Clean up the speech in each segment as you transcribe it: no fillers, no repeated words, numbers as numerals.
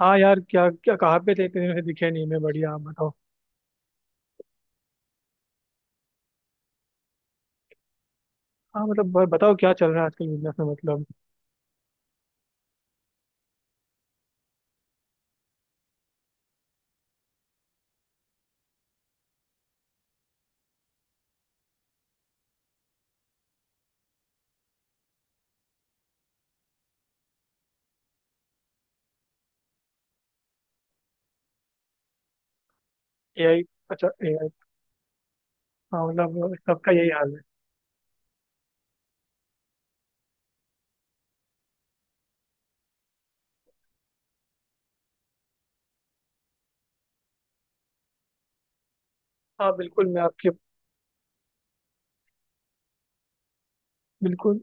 हाँ यार। क्या क्या, कहाँ पे थे इतने दिनों से दिखे नहीं? मैं बढ़िया, आप बताओ। हाँ मतलब, बताओ क्या चल रहा है आजकल बिजनेस में, मतलब। एआई? अच्छा, एआई। हाँ मतलब सबका यही हाल है। हाँ बिल्कुल, मैं आपके बिल्कुल,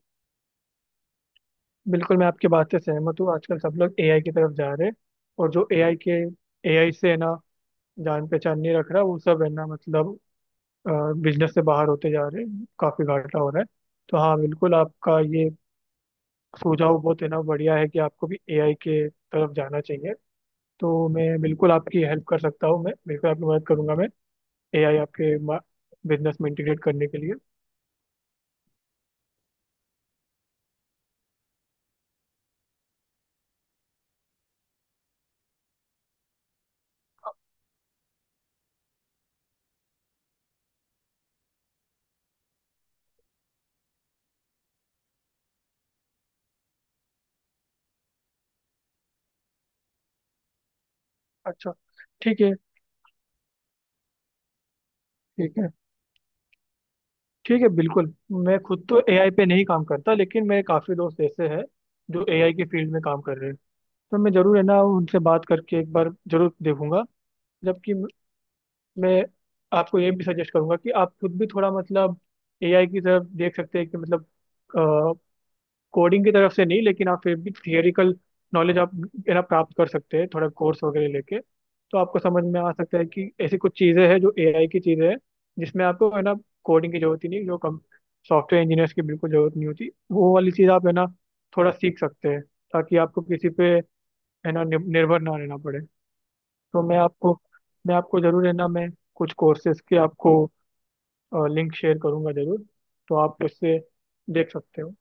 बिल्कुल, मैं आपकी बात से सहमत हूँ। आजकल सब लोग एआई की तरफ जा रहे हैं, और जो एआई से है ना जान पहचान नहीं रख रहा, वो सब है ना, मतलब बिजनेस से बाहर होते जा रहे हैं, काफी घाटा हो रहा है। तो हाँ बिल्कुल, आपका ये सुझाव बहुत है ना बढ़िया है, कि आपको भी एआई के तरफ जाना चाहिए। तो मैं बिल्कुल आपकी हेल्प कर सकता हूँ, मैं बिल्कुल आपकी मदद करूंगा, मैं एआई आपके बिजनेस में इंटीग्रेट करने के लिए। अच्छा। ठीक है। ठीक है। ठीक है, बिल्कुल। मैं खुद तो एआई पे नहीं काम करता, लेकिन मेरे काफ़ी दोस्त ऐसे हैं जो एआई के फील्ड में काम कर रहे हैं। तो मैं ज़रूर है ना उनसे बात करके एक बार ज़रूर देखूंगा। जबकि मैं आपको ये भी सजेस्ट करूंगा कि आप खुद भी थोड़ा, मतलब, एआई की तरफ देख सकते हैं, कि मतलब कोडिंग की तरफ से नहीं, लेकिन आप फिर भी थियोरिकल नॉलेज आप है ना प्राप्त कर सकते हैं, थोड़ा कोर्स वगैरह लेके। तो आपको समझ में आ सकता है कि ऐसी कुछ चीज़ें हैं जो एआई की चीज़ें हैं, जिसमें आपको है ना कोडिंग की जरूरत ही नहीं, जो कम सॉफ्टवेयर इंजीनियर्स की बिल्कुल जरूरत नहीं होती, वो वाली चीज़ आप है ना थोड़ा सीख सकते हैं, ताकि आपको किसी पे है ना निर्भर ना रहना पड़े। तो मैं आपको जरूर है ना, मैं कुछ कोर्सेज के आपको लिंक शेयर करूंगा जरूर। तो आप उससे देख सकते हो।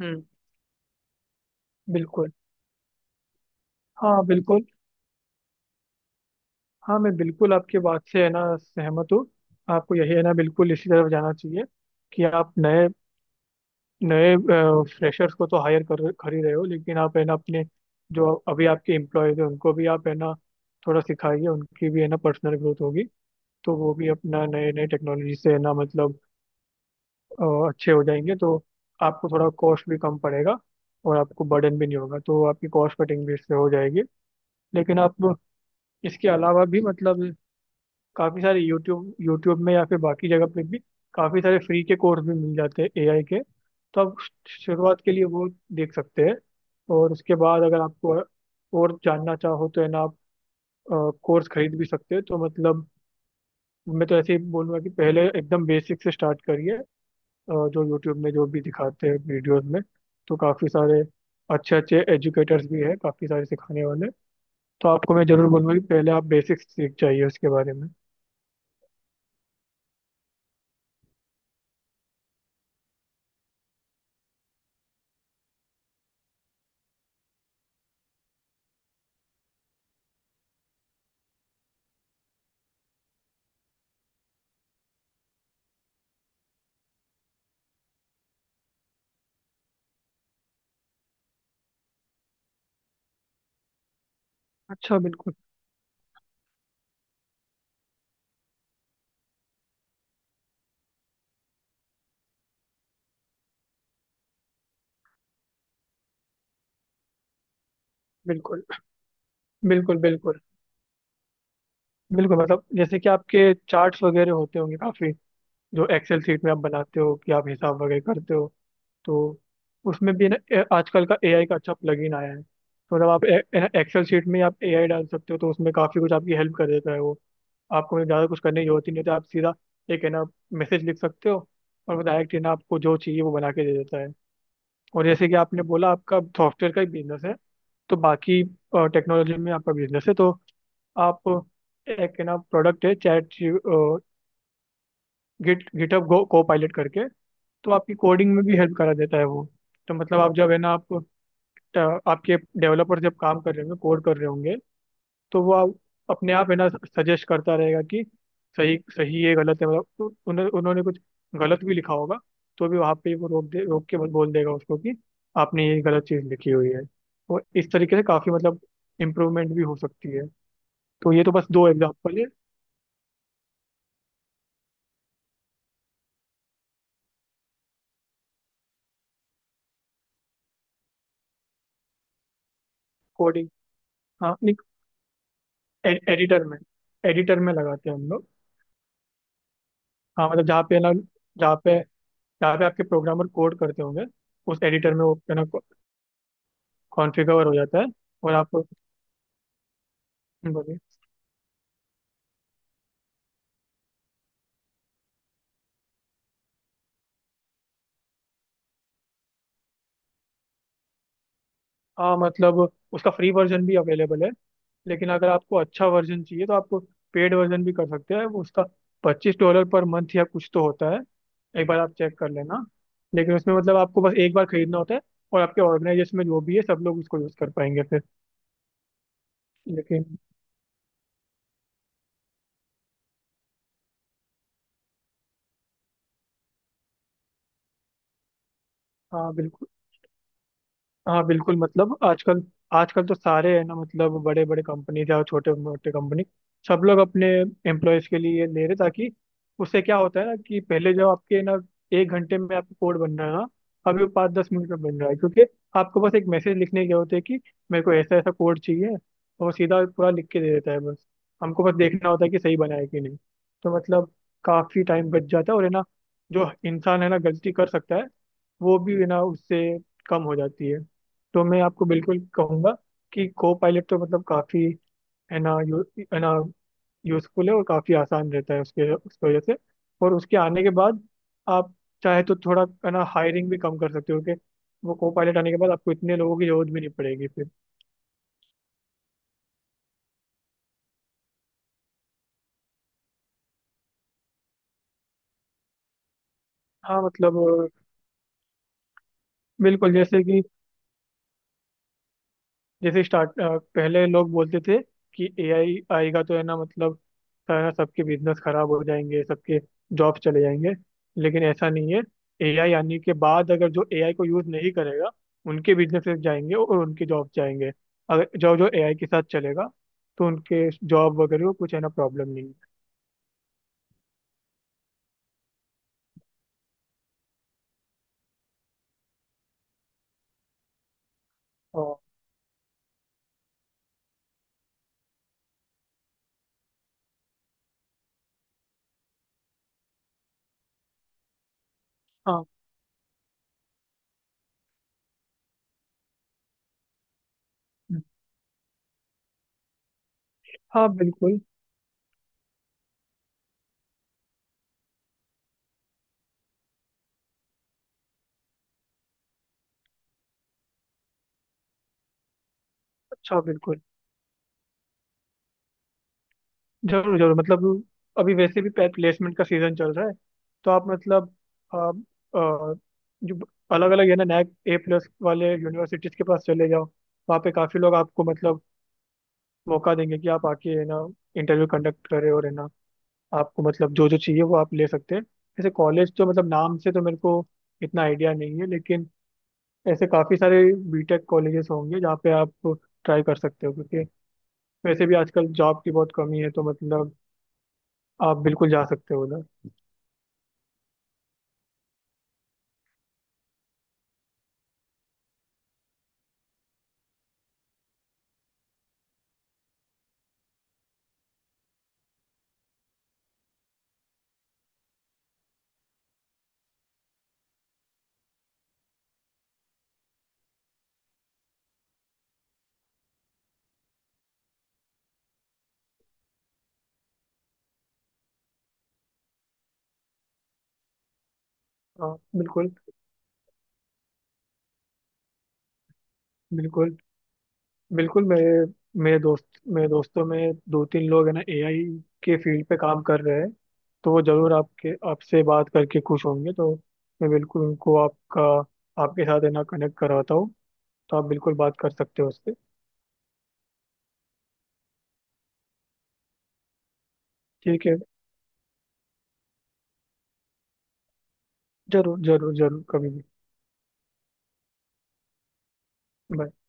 हम्म। बिल्कुल। हाँ, बिल्कुल। हाँ, मैं बिल्कुल आपके बात से है ना सहमत हूँ। आपको यही है ना बिल्कुल इसी तरफ जाना चाहिए, कि आप नए नए फ्रेशर्स को तो हायर कर कर ही रहे हो, लेकिन आप है ना अपने, जो अभी आपके एम्प्लॉयज हैं उनको भी आप है ना थोड़ा सिखाइए, उनकी भी है ना पर्सनल ग्रोथ होगी। तो वो भी अपना नए नए टेक्नोलॉजी से है ना, मतलब अ, अच्छे हो जाएंगे, तो आपको थोड़ा कॉस्ट भी कम पड़ेगा, और आपको बर्डन भी नहीं होगा, तो आपकी कॉस्ट कटिंग भी इससे हो जाएगी। लेकिन आप इसके अलावा भी, मतलब, काफ़ी सारे यूट्यूब यूट्यूब में या फिर बाकी जगह पे भी काफ़ी सारे फ्री के कोर्स भी मिल जाते हैं एआई के। तो आप शुरुआत के लिए वो देख सकते हैं। और उसके बाद अगर आपको और जानना चाहो, तो है ना आप कोर्स खरीद भी सकते हैं, तो मतलब, मैं तो ऐसे ही बोलूँगा कि पहले एकदम बेसिक से स्टार्ट करिए। जो यूट्यूब में जो भी दिखाते हैं वीडियोस में, तो काफ़ी सारे अच्छे अच्छे एजुकेटर्स भी हैं, काफ़ी सारे सिखाने वाले। तो आपको मैं ज़रूर बोलूँगा कि पहले आप बेसिक्स सीख जाइए उसके बारे में। अच्छा। बिल्कुल। बिल्कुल, बिल्कुल, बिल्कुल, बिल्कुल, मतलब जैसे कि आपके चार्ट्स वगैरह होते होंगे काफी, जो एक्सेल सीट में आप बनाते हो कि आप हिसाब वगैरह करते हो। तो उसमें भी ना, आजकल का एआई का अच्छा प्लगइन आया है, तो मतलब आप एक्सेल शीट में आप एआई डाल सकते हो, तो उसमें काफी कुछ आपकी हेल्प कर देता है वो। आपको मतलब ज्यादा कुछ करने की जरूरत ही नहीं होती, आप सीधा एक है ना मैसेज लिख सकते हो, और वो डायरेक्ट है ना आपको जो चाहिए वो बना के दे देता है। और जैसे कि आपने बोला आपका सॉफ्टवेयर का ही बिजनेस है, तो बाकी टेक्नोलॉजी में आपका बिजनेस है, तो आप एक है ना प्रोडक्ट है चैट गिट गिटहब गो को पायलट करके, तो आपकी कोडिंग में भी हेल्प करा देता है वो। तो मतलब आप जब है ना आप, आपके डेवलपर जब काम कर रहे होंगे, कोड कर रहे होंगे, तो वो आप अपने आप है ना सजेस्ट करता रहेगा कि सही सही है, गलत है, मतलब। तो उन्होंने उन्होंने कुछ गलत भी लिखा होगा, तो भी वहाँ पे वो, रोक के बोल देगा उसको कि आपने ये गलत चीज़ लिखी हुई है, तो इस तरीके से काफ़ी, मतलब, इम्प्रूवमेंट भी हो सकती है। तो ये तो बस दो एग्जाम्पल है। कोडिंग। हाँ। ए, एडिटर में एडिटर में लगाते हैं हम लोग। हाँ मतलब जहाँ पे ना जहाँ पे जहाँ पे आपके प्रोग्रामर कोड करते होंगे, उस एडिटर में वो है ना कॉन्फ़िगर हो जाता है। और आप... बोलिए। हाँ मतलब उसका फ्री वर्जन भी अवेलेबल है, लेकिन अगर आपको अच्छा वर्जन चाहिए, तो आपको पेड वर्जन भी कर सकते हैं वो उसका। $25 पर मंथ या कुछ तो होता है। एक बार आप चेक कर लेना। लेकिन उसमें, मतलब, आपको बस एक बार खरीदना होता है, और आपके ऑर्गेनाइजेशन में जो भी है सब लोग उसको यूज़ कर पाएंगे फिर। लेकिन... हाँ बिल्कुल। हाँ बिल्कुल, मतलब, आजकल आजकल तो सारे है ना, मतलब, बड़े बड़े कंपनी या छोटे मोटे कंपनी, सब लोग अपने एम्प्लॉयज के लिए ले रहे, ताकि उससे क्या होता है ना कि पहले जो आपके ना 1 घंटे में आपका कोड बन रहा है ना, अभी वो 5-10 मिनट में बन रहा है, क्योंकि आपको बस एक मैसेज लिखने की जरूरत है कि मेरे को ऐसा ऐसा कोड चाहिए, और वो सीधा पूरा लिख के दे देता है। बस हमको बस देखना होता है कि सही बना है कि नहीं, तो मतलब काफी टाइम बच जाता है, और है ना जो इंसान है ना गलती कर सकता है, वो भी है ना उससे कम हो जाती है। तो मैं आपको बिल्कुल कहूंगा कि को पायलट तो, मतलब, काफ़ी है ना, यू है ना यूजफुल है, और काफ़ी आसान रहता है उसके उसकी वजह से। और उसके आने के बाद आप चाहे तो थोड़ा है ना हायरिंग भी कम कर सकते हो, कि वो को पायलट आने के बाद आपको इतने लोगों की जरूरत भी नहीं पड़ेगी फिर। हाँ मतलब, बिल्कुल। जैसे स्टार्ट पहले लोग बोलते थे कि एआई आएगा तो है ना, मतलब, सारा सबके बिजनेस खराब हो जाएंगे, सबके जॉब चले जाएंगे, लेकिन ऐसा नहीं है। एआई आने के बाद अगर जो एआई को यूज नहीं करेगा, उनके बिजनेसेस जाएंगे और उनके जॉब जाएंगे। अगर जो जो एआई के साथ चलेगा, तो उनके जॉब वगैरह को कुछ है ना प्रॉब्लम नहीं है। और... हाँ। हाँ बिल्कुल। अच्छा, बिल्कुल। जरूर, जरूर, मतलब अभी वैसे भी प्लेसमेंट का सीजन चल रहा है, तो आप, मतलब, आ, आ, जो अलग अलग है ना NAAC A+ वाले यूनिवर्सिटीज के पास चले जाओ, वहाँ पे काफी लोग आपको, मतलब, मौका देंगे कि आप आके है ना इंटरव्यू कंडक्ट करें, और है ना आपको, मतलब, जो जो चाहिए वो आप ले सकते हैं। ऐसे कॉलेज तो, मतलब, नाम से तो मेरे को इतना आइडिया नहीं है, लेकिन ऐसे काफी सारे बीटेक कॉलेजेस होंगे जहाँ पे आप ट्राई कर सकते हो, क्योंकि वैसे भी आजकल जॉब की बहुत कमी है, तो मतलब आप बिल्कुल जा सकते हो। हाँ बिल्कुल। बिल्कुल। बिल्कुल मेरे मेरे दोस्त मेरे दोस्तों में दो तीन लोग है ना एआई के फील्ड पे काम कर रहे हैं, तो वो जरूर आपके आपसे बात करके खुश होंगे, तो मैं बिल्कुल उनको आपका आपके साथ है ना कनेक्ट करवाता हूँ, तो आप बिल्कुल बात कर सकते हो उससे। ठीक है। जरूर, जरूर, जरूर, कभी भी। Bye.